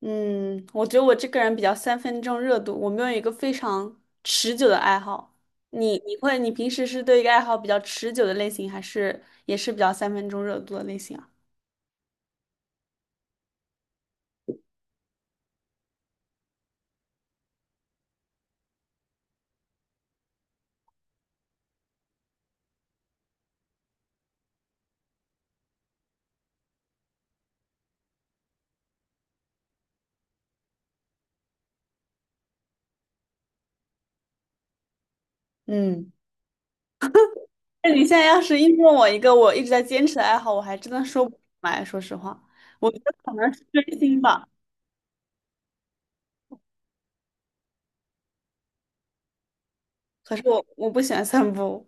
嗯，我觉得我这个人比较三分钟热度，我没有一个非常持久的爱好。你平时是对一个爱好比较持久的类型，还是也是比较三分钟热度的类型啊？嗯，那你现在要是硬问我一个我一直在坚持的爱好，我还真的说不出来。说实话，我觉得可能是追星吧。可是我不喜欢散步。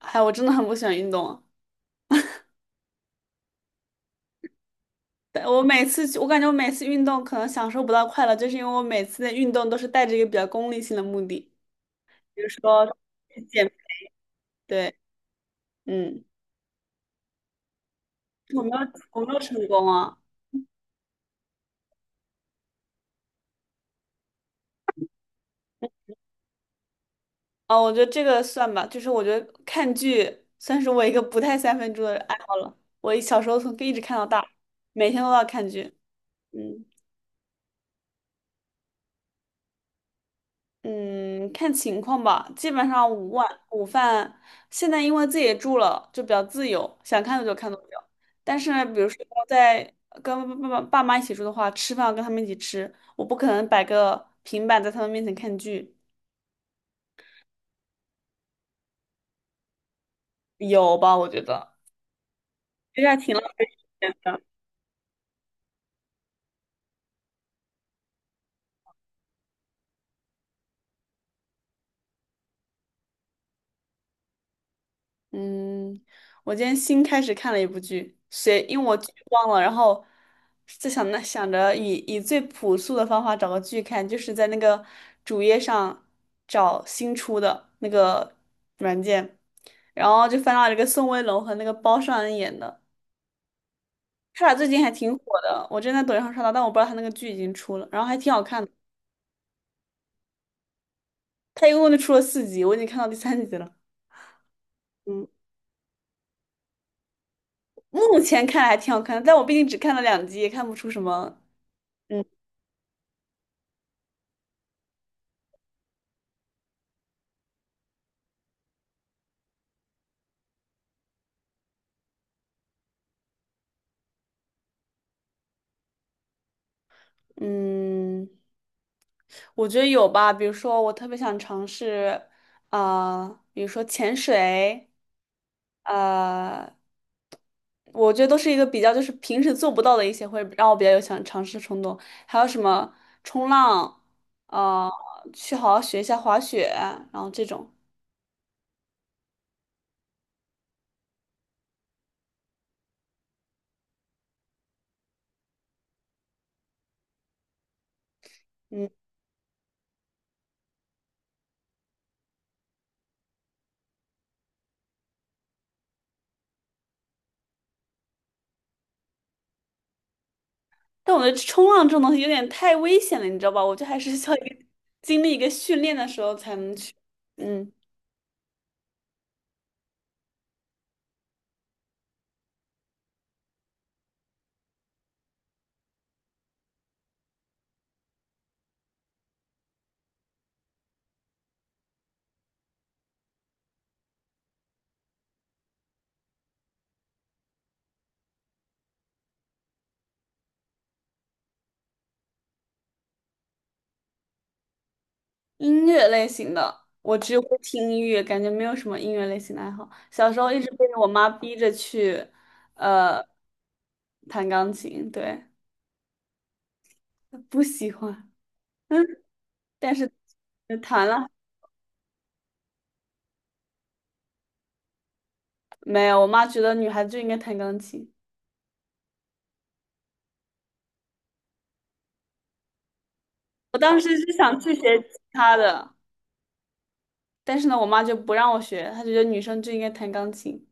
哎，我真的很不喜欢运动啊。但我每次去我感觉我每次运动可能享受不到快乐，就是因为我每次的运动都是带着一个比较功利性的目的，比如说去减，对，嗯，我没有，我没有成功啊。啊，我觉得这个算吧，就是我觉得看剧算是我一个不太三分钟的爱好了。我小时候从一直看到大，每天都要看剧。嗯。嗯，看情况吧，基本上午晚午饭，现在因为自己住了，就比较自由，想看多久看多久。但是呢比如说在跟爸妈一起住的话，吃饭要跟他们一起吃，我不可能摆个平板在他们面前看剧，有吧？我觉得其实还挺浪费钱的。嗯，我今天新开始看了一部剧，谁，因为我剧忘了，然后就想想着以最朴素的方法找个剧看，就是在那个主页上找新出的那个软件，然后就翻到了一个宋威龙和那个包上恩演的，他俩最近还挺火的，我之前在抖音上刷到，但我不知道他那个剧已经出了，然后还挺好看的，他一共就出了四集，我已经看到第三集了，嗯，目前看来还挺好看的，但我毕竟只看了两集，也看不出什么。嗯。嗯，我觉得有吧。比如说，我特别想尝试，啊、比如说潜水，呃，我觉得都是一个比较就是平时做不到的一些，会让我比较有想尝试的冲动。还有什么冲浪，啊，去好好学一下滑雪，然后这种。嗯，但我觉得冲浪这种东西有点太危险了，你知道吧？我觉得还是需要一个 经历一个训练的时候才能去。嗯。音乐类型的，我只会听音乐，感觉没有什么音乐类型的爱好。小时候一直被我妈逼着去，呃，弹钢琴，对，不喜欢，嗯，但是弹了，没有，我妈觉得女孩子就应该弹钢琴。我当时是想去学吉他的，但是呢，我妈就不让我学，她觉得女生就应该弹钢琴。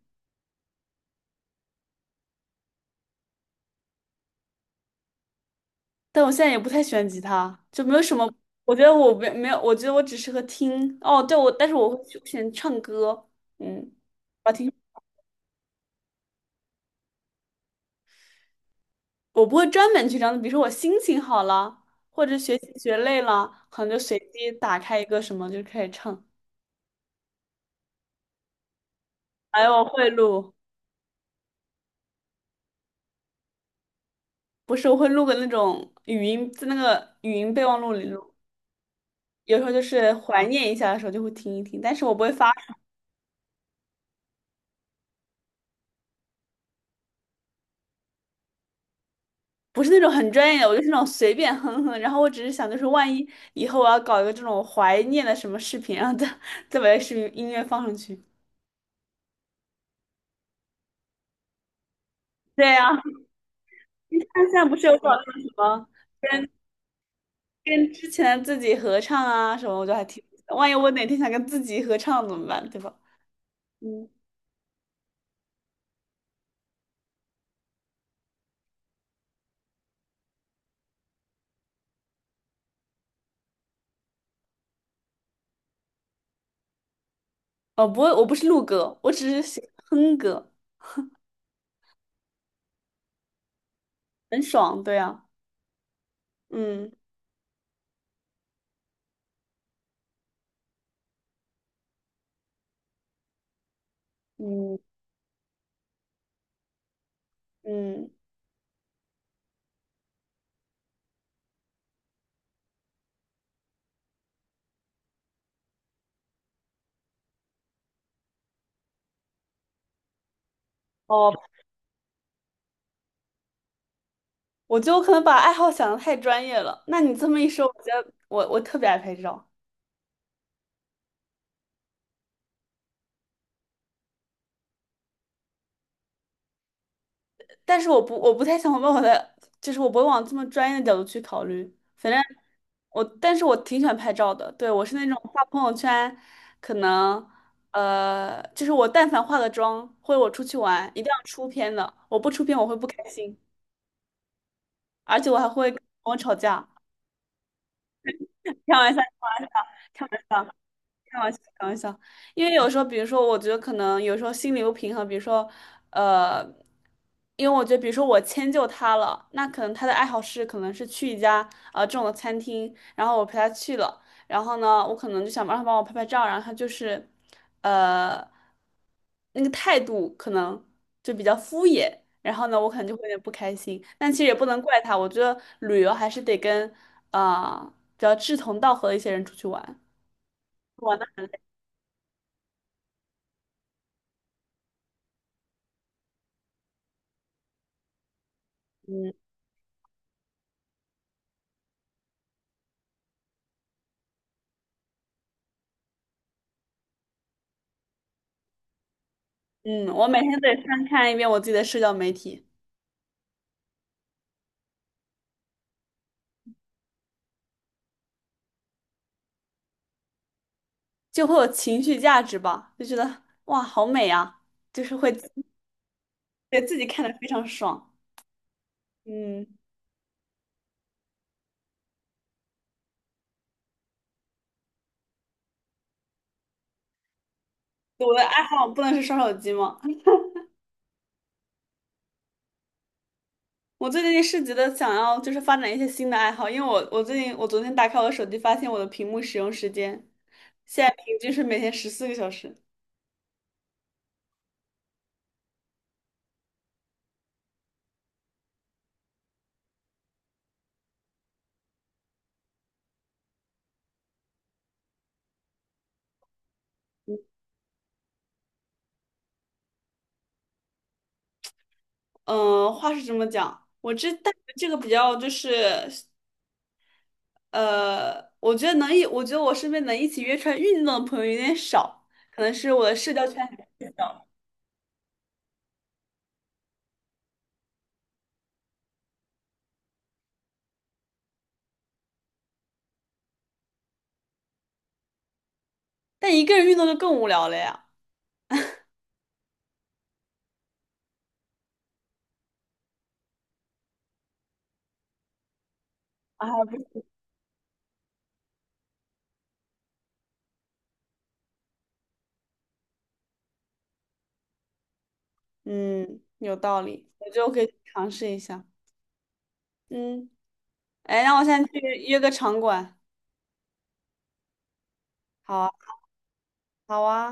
但我现在也不太喜欢吉他，就没有什么。我觉得我没有，我觉得我只适合听。哦，对，我但是我会去喜欢唱歌，嗯，我听，我不会专门去唱。比如说我心情好了，或者学习学累了，可能就随机打开一个什么就开始唱。还有我会录，不是我会录个那种语音，在那个语音备忘录里录。有时候就是怀念一下的时候就会听一听，但是我不会发。不是那种很专业的，我就是那种随便哼哼。然后我只是想，就是万一以后我要搞一个这种怀念的什么视频，然后再把这个视频音乐放上去。对呀、你看现在不是有搞那种什么跟之前自己合唱啊什么，我就还挺，万一我哪天想跟自己合唱怎么办，对吧？嗯，哦，不会，我不是录歌，我只是喜欢哼歌，很爽，对呀，嗯嗯嗯，哦，我就可能把爱好想的太专业了。那你这么一说，我觉得我特别爱拍照。但是我不太想往我的，就是我不会往这么专业的角度去考虑。反正我，但是我挺喜欢拍照的。对，我是那种发朋友圈，可能就是我但凡化个妆，或者我出去玩，一定要出片的。我不出片我会不开心，而且我还会跟我吵架。开玩笑，开玩笑，开玩笑。开玩笑，开玩笑，因为有时候，比如说，我觉得可能有时候心理不平衡，比如说，呃，因为我觉得，比如说我迁就他了，那可能他的爱好是可能是去一家这种的餐厅，然后我陪他去了，然后呢，我可能就想让他帮我拍拍照，然后他就是，呃，那个态度可能就比较敷衍，然后呢，我可能就会有点不开心，但其实也不能怪他，我觉得旅游还是得跟比较志同道合的一些人出去玩，玩的很累。嗯，我每天得翻看一遍我自己的社交媒体，就会有情绪价值吧，就觉得哇，好美啊，就是会给自己看的非常爽。嗯，我的爱好不能是刷手机吗？我最近是觉得想要就是发展一些新的爱好，因为我我最近我昨天打开我的手机，发现我的屏幕使用时间现在平均是每天14个小时。嗯、话是这么讲，我这但这个比较就是。我觉得我觉得我身边能一起约出来运动的朋友有点少，可能是我的社交圈里但一个人运动就更无聊了呀。啊，不是嗯，有道理，我觉得我可以尝试一下。嗯，哎，那我现在去约个场馆。好啊，好啊。